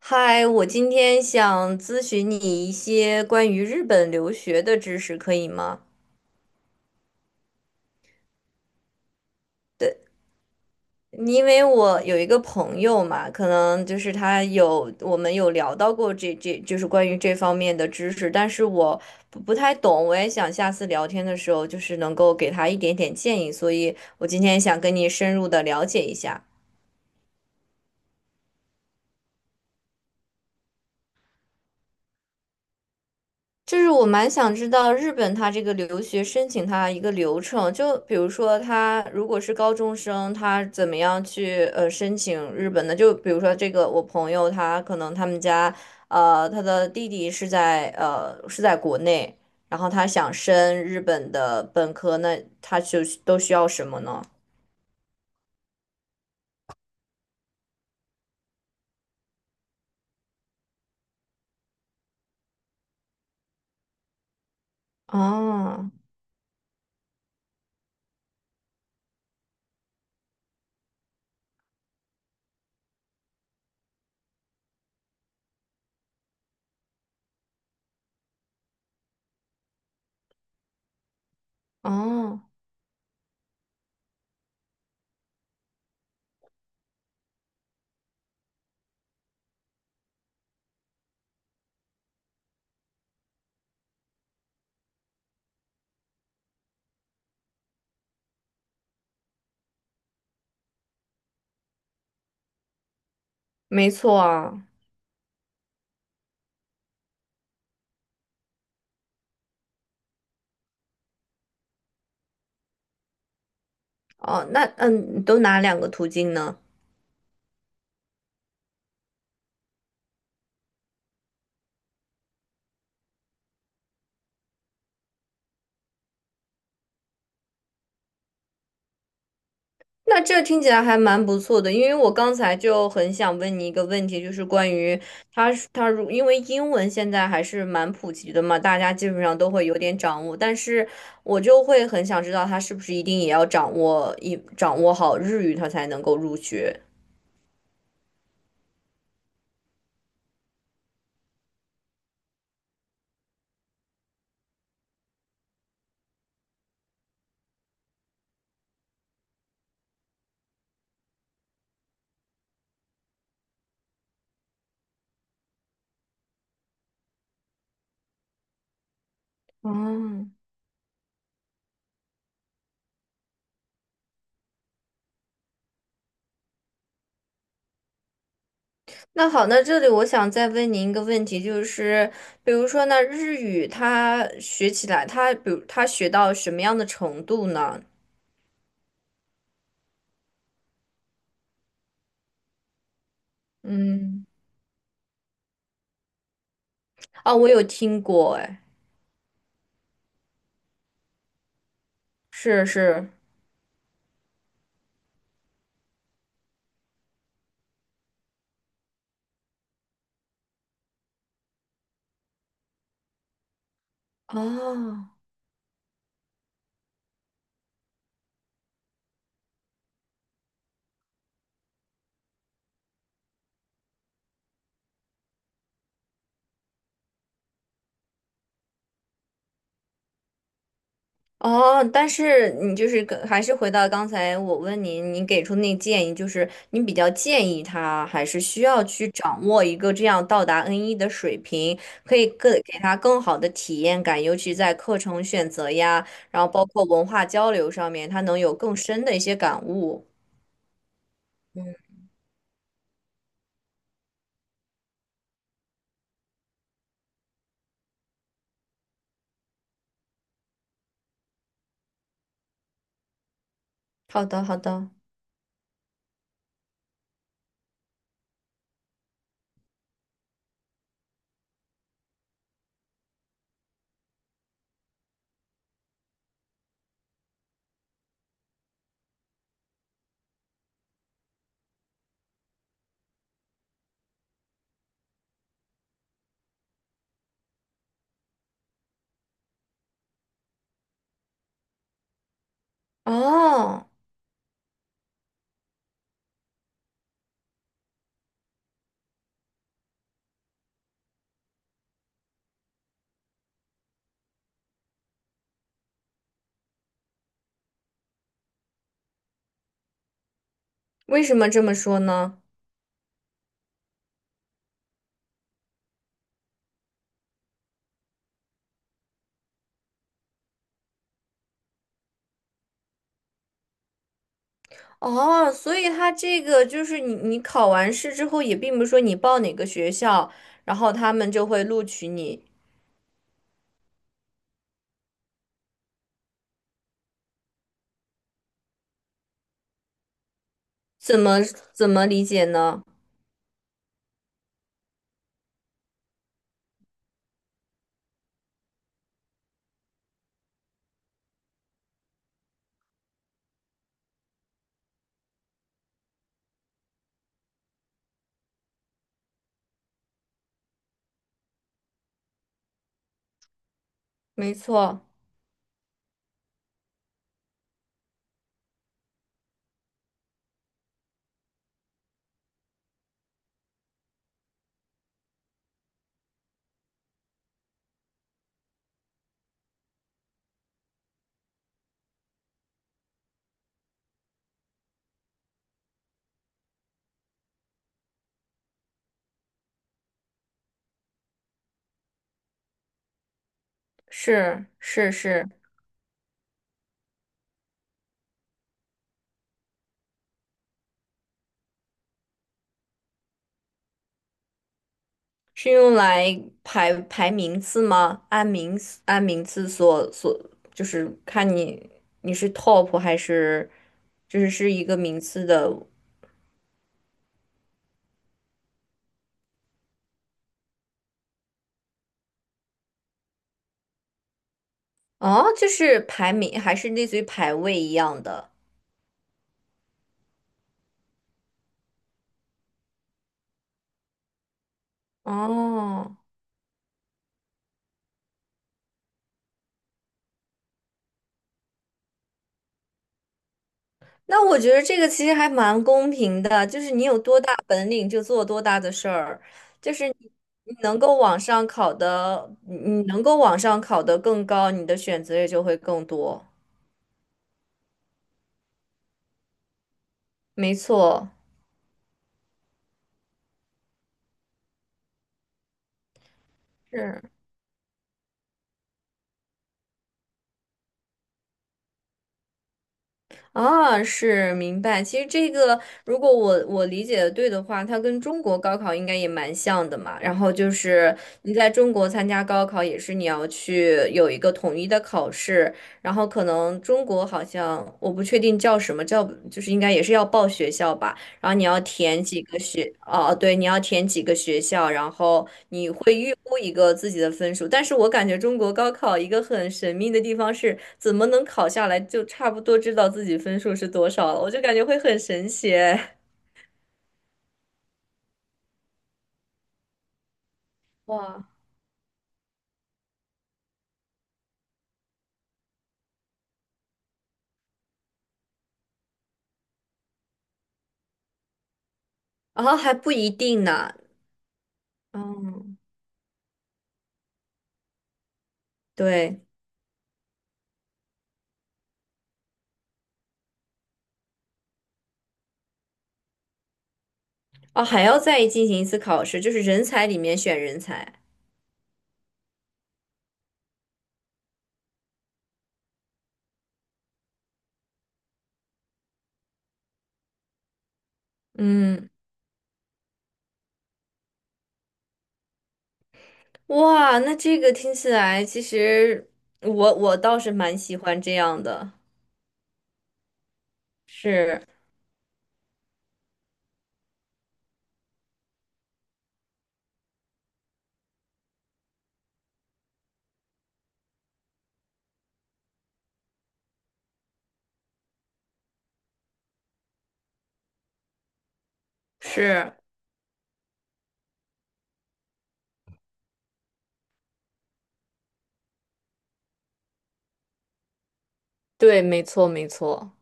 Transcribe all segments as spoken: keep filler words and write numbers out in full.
嗨，我今天想咨询你一些关于日本留学的知识，可以吗？对，因为我有一个朋友嘛，可能就是他有，我们有聊到过这这，就是关于这方面的知识，但是我不不太懂，我也想下次聊天的时候，就是能够给他一点点建议，所以我今天想跟你深入的了解一下。就是我蛮想知道日本它这个留学申请它一个流程，就比如说他如果是高中生，他怎么样去呃申请日本的？就比如说这个我朋友他可能他们家呃他的弟弟是在呃是在国内，然后他想升日本的本科，那他就都需要什么呢？哦哦，没错啊，哦，那嗯，你都哪两个途径呢？那这听起来还蛮不错的，因为我刚才就很想问你一个问题，就是关于他他它如因为英文现在还是蛮普及的嘛，大家基本上都会有点掌握，但是我就会很想知道他是不是一定也要掌握一掌握好日语，他才能够入学。哦，那好，那这里我想再问您一个问题，就是比如说那日语他学起来，他比如他学到什么样的程度呢？嗯，哦，我有听过，哎是是，哦哦，但是你就是跟还是回到刚才我问您，您给出那建议，就是您比较建议他还是需要去掌握一个这样到达 N 一 的水平，可以更给他更好的体验感，尤其在课程选择呀，然后包括文化交流上面，他能有更深的一些感悟。好的，好的。哦，为什么这么说呢？哦，所以他这个就是你，你考完试之后，也并不是说你报哪个学校，然后他们就会录取你，怎么怎么理解呢？没错，是是是，是用来排排名次吗？按名次按名次所所，就是看你你是 top 还是就是是一个名次的，哦，就是排名还是类似于排位一样的，哦。那我觉得这个其实还蛮公平的，就是你有多大本领就做多大的事儿，就是你你能够往上考的，你你能够往上考的更高，你的选择也就会更多。没错，是。啊，是明白。其实这个，如果我我理解的对的话，它跟中国高考应该也蛮像的嘛。然后就是你在中国参加高考，也是你要去有一个统一的考试，然后可能中国好像我不确定叫什么，叫就是应该也是要报学校吧。然后你要填几个学，哦，对，你要填几个学校，然后你会预估一个自己的分数。但是我感觉中国高考一个很神秘的地方是，怎么能考下来就差不多知道自己分数是多少了？我就感觉会很神奇 哇，然后还不一定呢，嗯，对，哦，还要再进行一次考试，就是人才里面选人才，嗯，哇，那这个听起来其实我我倒是蛮喜欢这样的，是。是，对，没错，没错。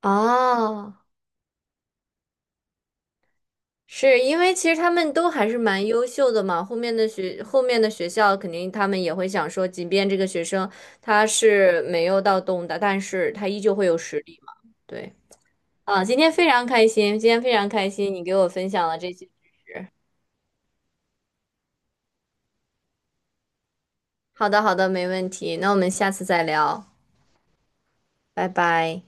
啊，是因为其实他们都还是蛮优秀的嘛。后面的学，后面的学校肯定他们也会想说，即便这个学生他是没有到东大，但是他依旧会有实力嘛。对，啊，今天非常开心，今天非常开心，你给我分享了这些。好的，好的，没问题。那我们下次再聊，拜拜。